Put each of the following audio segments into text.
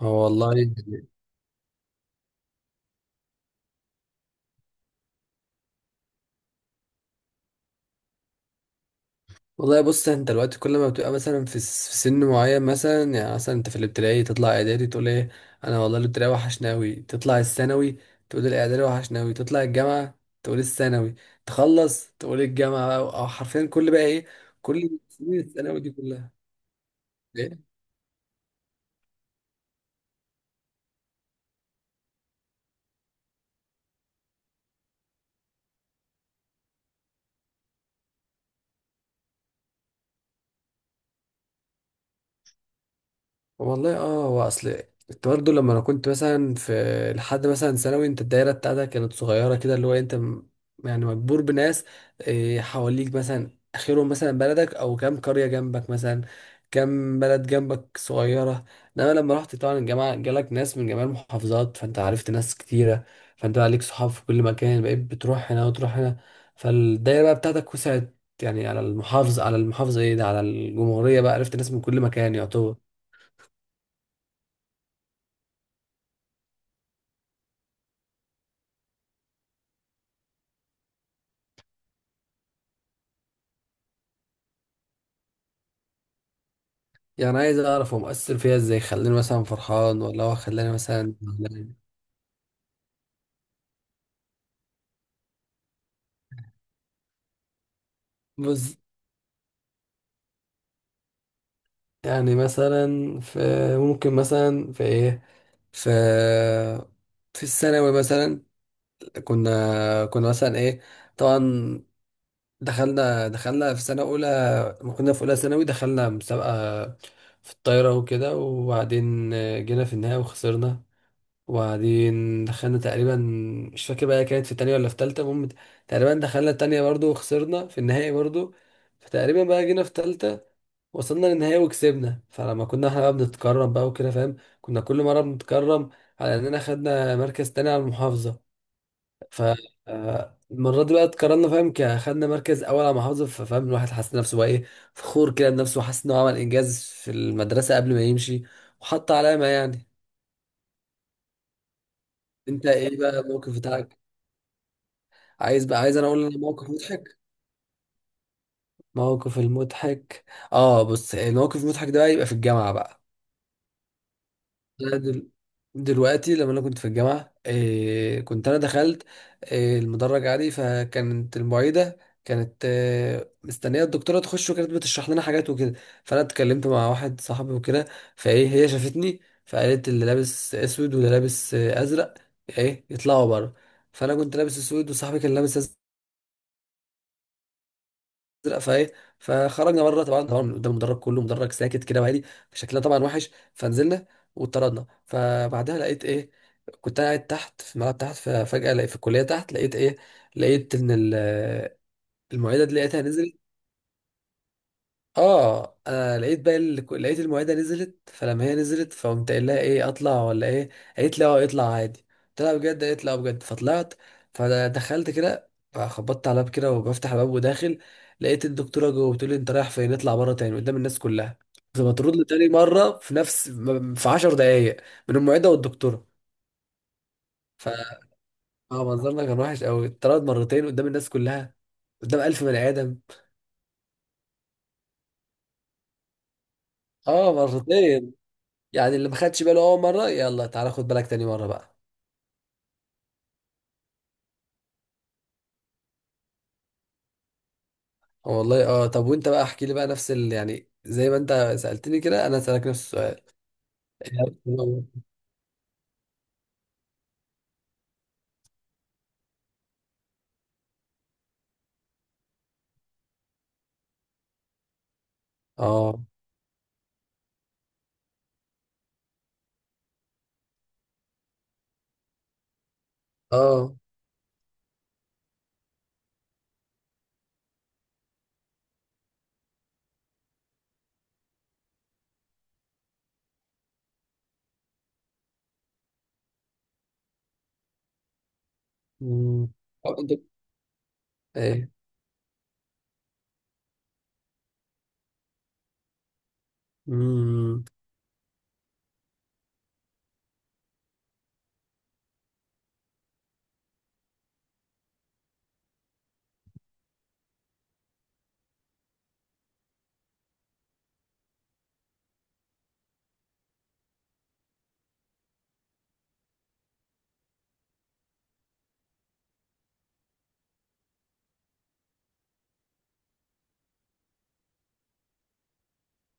هو والله. بص، انت دلوقتي كل ما بتبقى مثلا في في سن معين، مثلا يعني مثلا انت في الابتدائي تطلع اعدادي تقول ايه؟ انا والله الابتدائي وحشني اوي، تطلع الثانوي تقول الاعدادي وحشني اوي، تطلع الجامعه تقول الثانوي، تخلص تقول الجامعه بقى، او حرفيا كل بقى ايه، كل سنين الثانوي دي كلها. إيه؟ والله اه، هو اصل كنت برضه لما انا كنت مثلا في، لحد مثلا ثانوي، انت الدايره بتاعتك كانت صغيره كده، اللي هو انت يعني مجبور بناس حواليك، مثلا اخرهم مثلا بلدك او كام قريه جنبك، مثلا كام بلد جنبك صغيره. انما لما رحت طبعا الجامعه، جالك ناس من جميع المحافظات، فانت عرفت ناس كتيره، فانت بقى ليك صحاب في كل مكان، بقيت بتروح هنا وتروح هنا، فالدايره بقى بتاعتك وسعت، يعني على المحافظه، ايه ده، على الجمهوريه بقى، عرفت ناس من كل مكان يعتبر. يعني عايز اعرف هو مؤثر فيها ازاي، خلاني مثلا فرحان ولا هو خلاني مثلا زعلان. بص، يعني مثلا في، ممكن مثلا في ايه، في في الثانوي مثلا، كنا مثلا ايه، طبعا دخلنا في سنة أولى، ما كنا في أولى ثانوي، دخلنا مسابقة في الطايرة وكده، وبعدين جينا في النهاية وخسرنا، وبعدين دخلنا تقريبا، مش فاكر بقى كانت في تانية ولا في تالتة، المهم تقريبا دخلنا التانية برضو وخسرنا في النهائي برضو، فتقريبا بقى جينا في تالتة وصلنا للنهائي وكسبنا. فلما كنا احنا بقى بنتكرم بقى وكده، فاهم، كنا كل مرة بنتكرم على اننا خدنا مركز تاني على المحافظة. ف المرة دي بقى اتكرمنا، فاهم، خدنا مركز أول على المحافظة. ففاهم الواحد حس نفسه بقى إيه، فخور كده بنفسه، وحس إنه عمل إنجاز في المدرسة قبل ما يمشي، وحط علامة يعني. أنت إيه بقى الموقف بتاعك؟ عايز انا اقول لك موقف مضحك. موقف المضحك، اه بص، الموقف المضحك ده بقى يبقى في الجامعه بقى. أنا دل... دلوقتي لما انا كنت في الجامعه إيه، كنت انا دخلت إيه المدرج عادي، فكانت المعيده كانت إيه مستنيه الدكتوره تخش، وكانت بتشرح لنا حاجات وكده. فانا اتكلمت مع واحد صاحبي وكده، فايه هي شافتني، فقالت اللي لابس اسود واللي لابس ازرق ايه يطلعوا بره. فانا كنت لابس اسود، وصاحبي كان لابس ازرق، فايه فخرجنا بره. طبعا قدام المدرج كله، مدرج ساكت كده وهادي، شكلنا طبعا وحش، فنزلنا واتطردنا. فبعدها لقيت ايه، كنت أنا قاعد تحت في الملعب تحت، ففجأة لقيت في الكلية تحت لقيت ايه، لقيت ان المعيدة دي لقيتها نزلت. اه انا لقيت بقى لقيت المعده نزلت، فلما هي نزلت فقمت قايل لها ايه اطلع ولا ايه، قالت لي اه اطلع عادي، قلت لها بجد، قالت لي اه بجد، فطلعت، فدخلت كده خبطت على الباب كده وبفتح الباب وداخل، لقيت الدكتوره جوه بتقول لي انت رايح فين، اطلع بره تاني قدام الناس كلها. فما ترد لي تاني مره في 10 دقائق من المعده والدكتوره. ف اه منظرنا كان وحش قوي، اتطرد مرتين قدام الناس كلها، قدام 1000 بني ادم. اه مرتين، يعني اللي ما خدش باله اول مره، يلا تعالى خد بالك تاني مره بقى. آه والله اه، طب وانت بقى احكي لي بقى نفس يعني زي ما انت سالتني كده، انا اسالك نفس السؤال. اه، اه، امم انت ايه، امم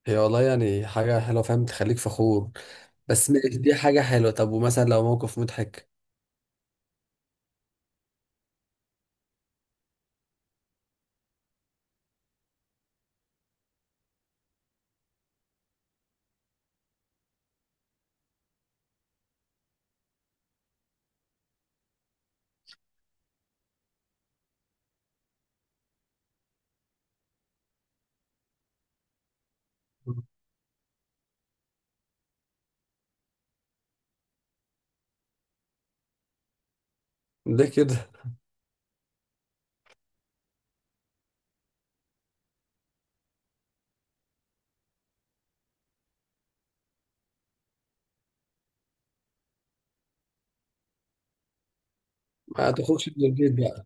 هي والله يعني حاجه حلوه، فاهم، تخليك فخور. بس ماشي، دي حاجه حلوه. طب ومثلا لو موقف مضحك؟ ليه كده؟ ما تخرجش من البيت بقى.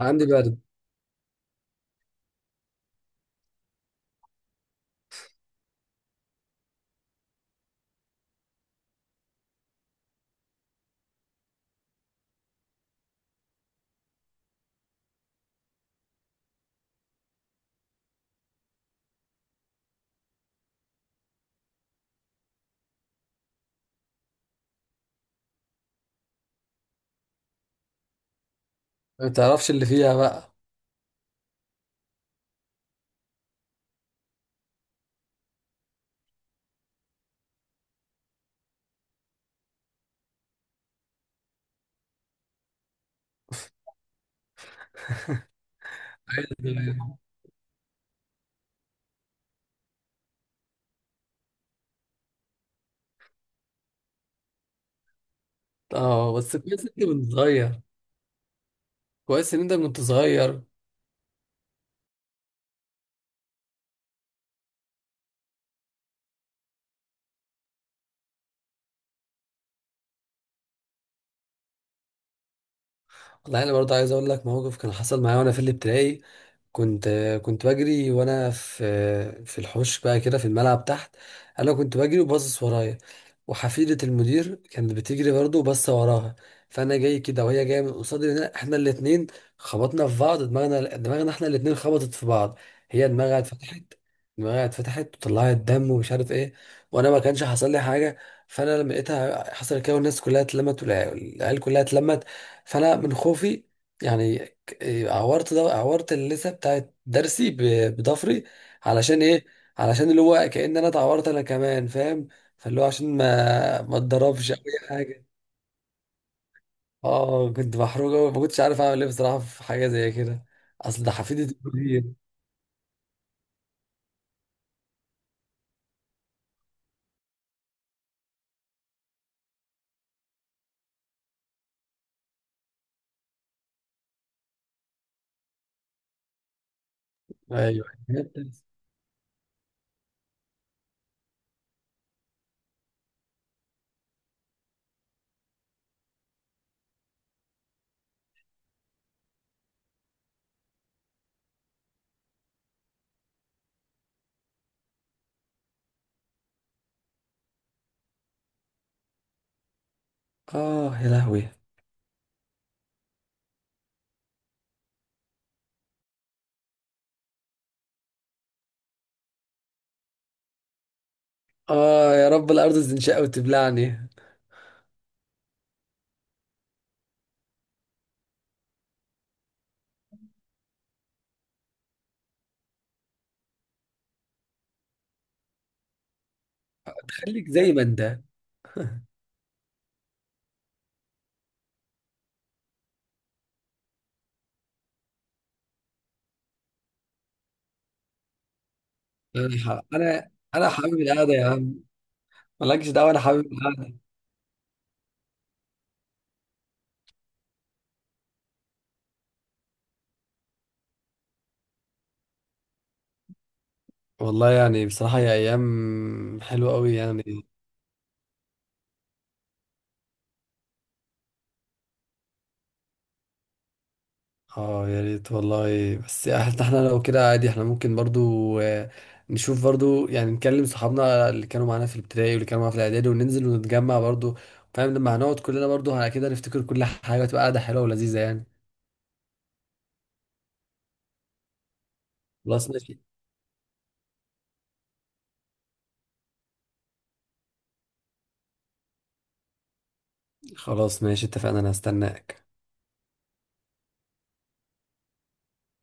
عندي برد. ما تعرفش اللي فيها بقى. عادي. يعني. اه بس كويس ان انت كنت صغير. كويس ان انت كنت صغير والله انا برضه عايز اقول لك موقف كان حصل معايا وانا في الابتدائي. كنت كنت بجري وانا في الحوش بقى كده، في الملعب تحت. انا كنت بجري وباصص ورايا، وحفيدة المدير كانت بتجري برضه وباصه وراها، فانا جاي كده وهي جايه من قصادي، هنا احنا الاتنين خبطنا في بعض، دماغنا احنا الاتنين خبطت في بعض. هي دماغها اتفتحت، وطلعت دم ومش عارف ايه، وانا ما كانش حصل لي حاجه. فانا لما لقيتها حصل كده والناس كلها اتلمت، والعيال كلها اتلمت، فانا من خوفي يعني، ك- إيه، عورت، عورت اللثه بتاعت درسي بضفري. علشان ايه؟ علشان اللي هو كأن انا اتعورت انا كمان، فاهم، فاللي هو عشان ما اتضربش او اي حاجه. اه كنت محروق قوي، ما كنتش عارف اعمل ايه بصراحه في حاجه زي كده، اصل ده حفيدة الكليه. ايوه. اه يا لهوي. اه يا رب الارض تنشق وتبلعني. خليك زي ما انت. يعني انا حابب القعده يا عم، مالكش دعوه انا حابب القعده. والله يعني بصراحة هي أيام حلوة أوي يعني. اه يا ريت والله. بس احنا لو كده عادي، احنا ممكن برضو نشوف برضو يعني، نكلم صحابنا اللي كانوا معانا في الابتدائي واللي كانوا معانا في الإعدادي وننزل ونتجمع برضو، فاهم، لما هنقعد كلنا برضو على كده نفتكر كل حاجة، تبقى قاعدة حلوة ولذيذة يعني. خلاص ماشي. خلاص ماشي اتفقنا، أنا هستناك.